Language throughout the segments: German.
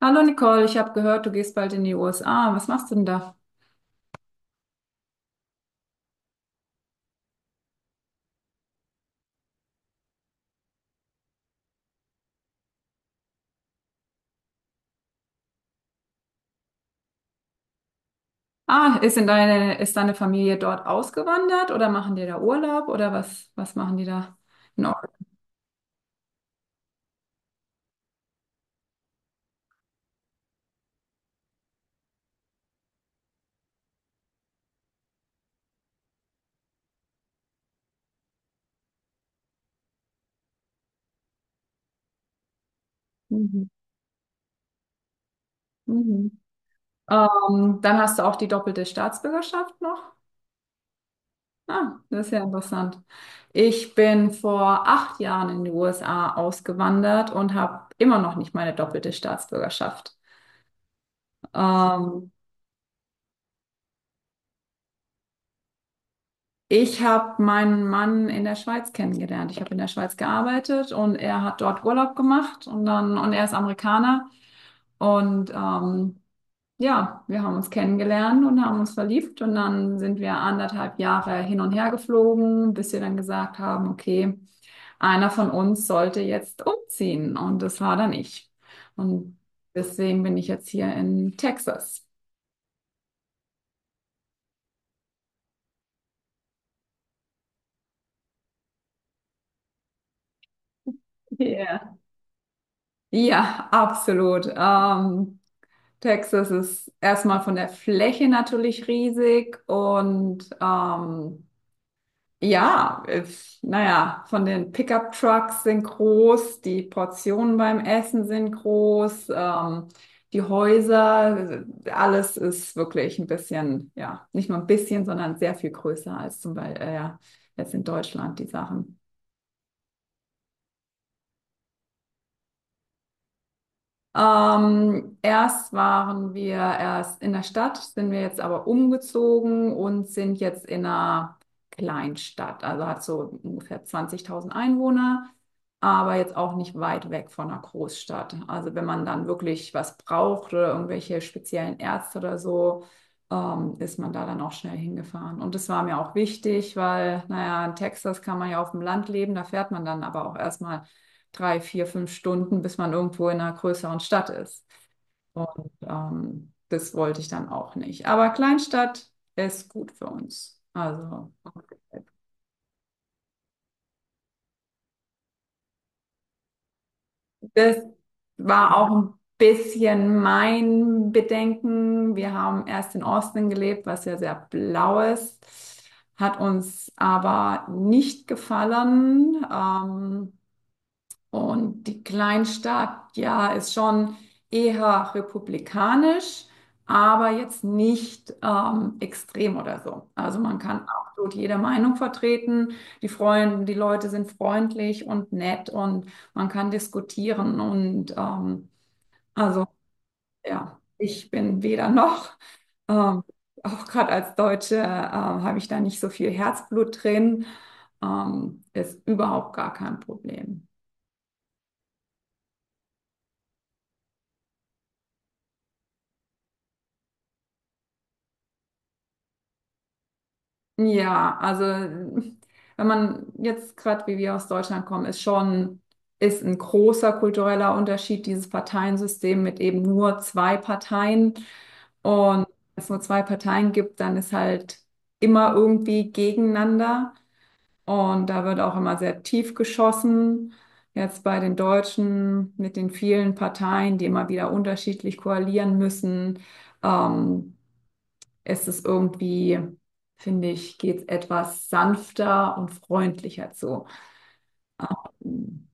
Hallo Nicole, ich habe gehört, du gehst bald in die USA. Was machst du denn da? Ah, ist deine Familie dort ausgewandert oder machen die da Urlaub oder was machen die da? In Ordnung. Mhm. Mhm. Dann hast du auch die doppelte Staatsbürgerschaft noch. Ah, das ist ja interessant. Ich bin vor 8 Jahren in die USA ausgewandert und habe immer noch nicht meine doppelte Staatsbürgerschaft. Ähm, Ich habe meinen Mann in der Schweiz kennengelernt. Ich habe in der Schweiz gearbeitet und er hat dort Urlaub gemacht und er ist Amerikaner. Und ja, wir haben uns kennengelernt und haben uns verliebt und dann sind wir 1,5 Jahre hin und her geflogen, bis wir dann gesagt haben, okay, einer von uns sollte jetzt umziehen. Und das war dann ich. Und deswegen bin ich jetzt hier in Texas. Ja. Ja, absolut. Texas ist erstmal von der Fläche natürlich riesig und ja, naja, von den Pickup-Trucks sind groß, die Portionen beim Essen sind groß, die Häuser, alles ist wirklich ein bisschen, ja, nicht nur ein bisschen, sondern sehr viel größer als zum Beispiel ja, jetzt in Deutschland die Sachen. Erst waren wir erst in der Stadt, sind wir jetzt aber umgezogen und sind jetzt in einer Kleinstadt. Also hat so ungefähr 20.000 Einwohner, aber jetzt auch nicht weit weg von einer Großstadt. Also wenn man dann wirklich was braucht oder irgendwelche speziellen Ärzte oder so, ist man da dann auch schnell hingefahren. Und das war mir auch wichtig, weil, naja, in Texas kann man ja auf dem Land leben, da fährt man dann aber auch erstmal 3, 4, 5 Stunden, bis man irgendwo in einer größeren Stadt ist. Und das wollte ich dann auch nicht. Aber Kleinstadt ist gut für uns. Also das war auch ein bisschen mein Bedenken. Wir haben erst in Austin gelebt, was ja sehr blau ist, hat uns aber nicht gefallen. Und die Kleinstadt, ja, ist schon eher republikanisch, aber jetzt nicht extrem oder so. Also man kann absolut jede Meinung vertreten. Die Freunde, die Leute sind freundlich und nett und man kann diskutieren. Und also ja, ich bin weder noch. Ähm, Auch gerade als Deutsche habe ich da nicht so viel Herzblut drin. Ist überhaupt gar kein Problem. Ja, also hm, wenn man jetzt gerade wie wir aus Deutschland kommen, ist schon ist ein großer kultureller Unterschied dieses Parteiensystem mit eben nur 2 Parteien. Und wenn es nur 2 Parteien gibt, dann ist halt immer irgendwie gegeneinander. Und da wird auch immer sehr tief geschossen. Jetzt bei den Deutschen mit den vielen Parteien, die immer wieder unterschiedlich koalieren müssen. Ähm, Ist es irgendwie, finde ich, geht es etwas sanfter und freundlicher zu. Ähm,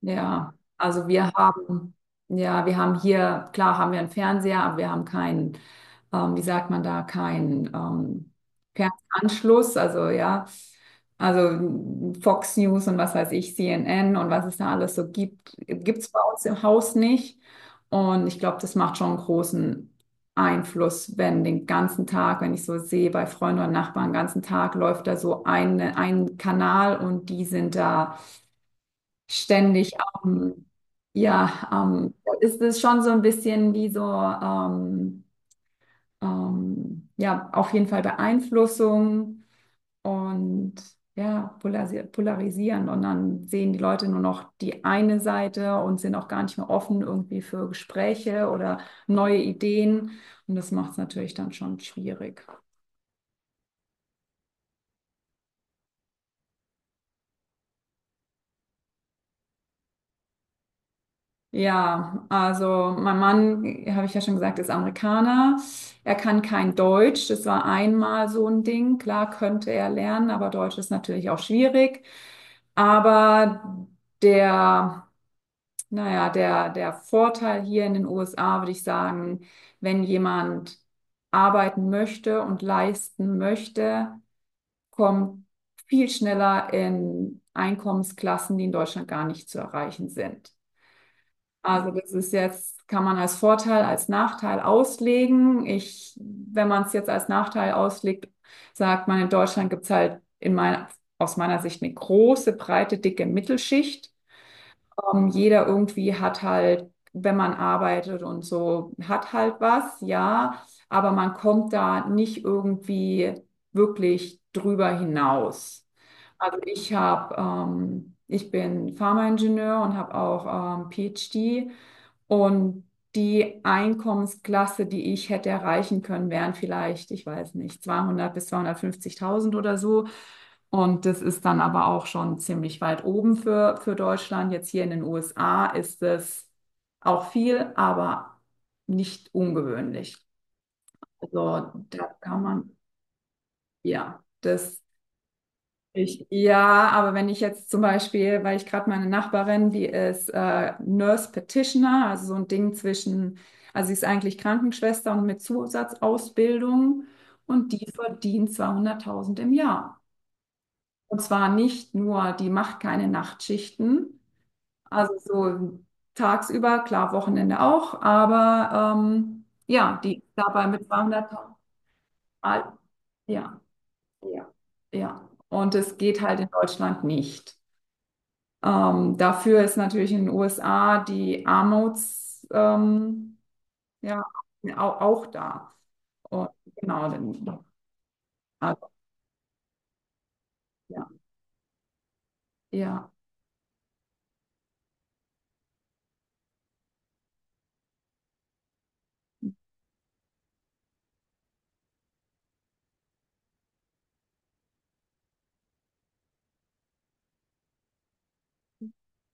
Ja, ja, wir haben hier, klar haben wir einen Fernseher, aber wir haben keinen, wie sagt man da, keinen Fernanschluss, also ja, also Fox News und was weiß ich, CNN und was es da alles so gibt, gibt es bei uns im Haus nicht. Und ich glaube, das macht schon einen großen Einfluss, wenn den ganzen Tag, wenn ich so sehe, bei Freunden und Nachbarn, den ganzen Tag läuft da so ein Kanal und die sind da ständig am, ja, ist es schon so ein bisschen wie so, ja, auf jeden Fall Beeinflussung und ja, polarisieren. Und dann sehen die Leute nur noch die eine Seite und sind auch gar nicht mehr offen irgendwie für Gespräche oder neue Ideen. Und das macht es natürlich dann schon schwierig. Ja, also mein Mann, habe ich ja schon gesagt, ist Amerikaner. Er kann kein Deutsch. Das war einmal so ein Ding. Klar könnte er lernen, aber Deutsch ist natürlich auch schwierig. Aber der, naja, der Vorteil hier in den USA, würde ich sagen, wenn jemand arbeiten möchte und leisten möchte, kommt viel schneller in Einkommensklassen, die in Deutschland gar nicht zu erreichen sind. Also das ist jetzt, kann man als Vorteil, als Nachteil auslegen. Ich, wenn man es jetzt als Nachteil auslegt, sagt man, in Deutschland gibt es halt aus meiner Sicht eine große, breite, dicke Mittelschicht. Jeder irgendwie hat halt, wenn man arbeitet und so, hat halt was, ja, aber man kommt da nicht irgendwie wirklich drüber hinaus. Ich bin Pharmaingenieur und habe auch PhD und die Einkommensklasse, die ich hätte erreichen können, wären vielleicht, ich weiß nicht, 200 bis 250.000 oder so. Und das ist dann aber auch schon ziemlich weit oben für Deutschland. Jetzt hier in den USA ist es auch viel, aber nicht ungewöhnlich. Also da kann man, ja, ja, aber wenn ich jetzt zum Beispiel, weil ich gerade meine Nachbarin, die ist Nurse Practitioner, also so ein Ding zwischen, also sie ist eigentlich Krankenschwester und mit Zusatzausbildung und die verdient 200.000 im Jahr. Und zwar nicht nur, die macht keine Nachtschichten, also so tagsüber, klar, Wochenende auch, aber ja, die ist dabei mit 200.000, ja, ja, ja. Und es geht halt in Deutschland nicht. Dafür ist natürlich in den USA die ja, auch, auch da. Und genau, dann, also, ja, ja,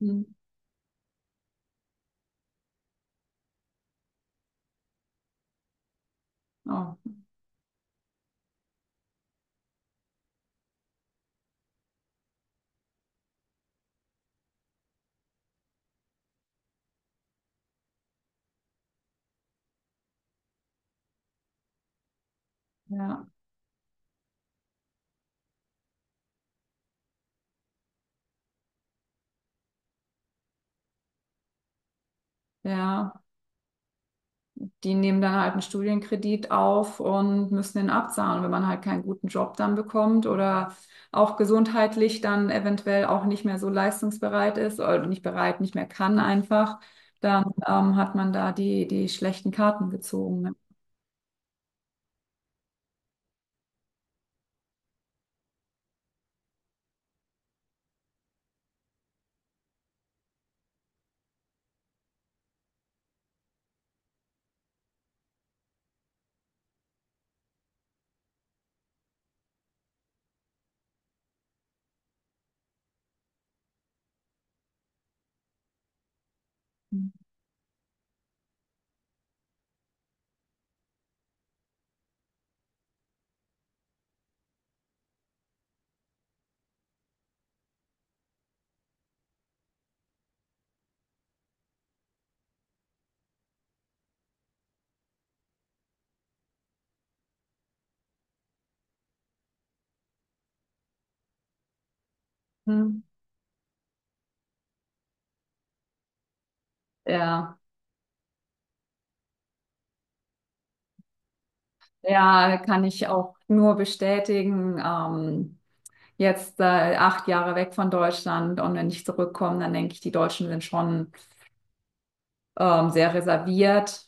hm, oh, ja, ja. Die nehmen dann halt einen Studienkredit auf und müssen den abzahlen, wenn man halt keinen guten Job dann bekommt oder auch gesundheitlich dann eventuell auch nicht mehr so leistungsbereit ist oder nicht bereit, nicht mehr kann einfach, dann hat man da die schlechten Karten gezogen. Ne? Hm. Ja, ja, kann ich auch nur bestätigen. Jetzt 8 Jahre weg von Deutschland und wenn ich zurückkomme, dann denke ich, die Deutschen sind schon sehr reserviert.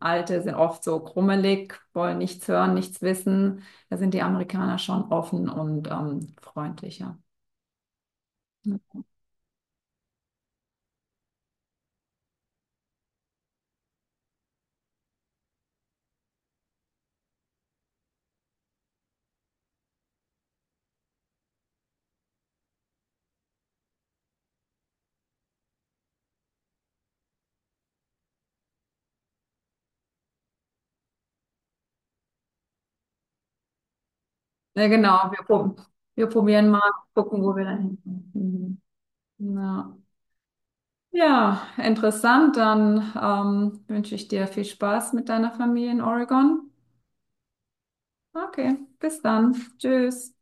Alte sind oft so krummelig, wollen nichts hören, nichts wissen. Da sind die Amerikaner schon offen und freundlicher. Ja, ja, genau, wir probieren mal, gucken, wo wir da hinkommen. Mhm. Ja. Ja, interessant. Dann wünsche ich dir viel Spaß mit deiner Familie in Oregon. Okay, bis dann. Tschüss.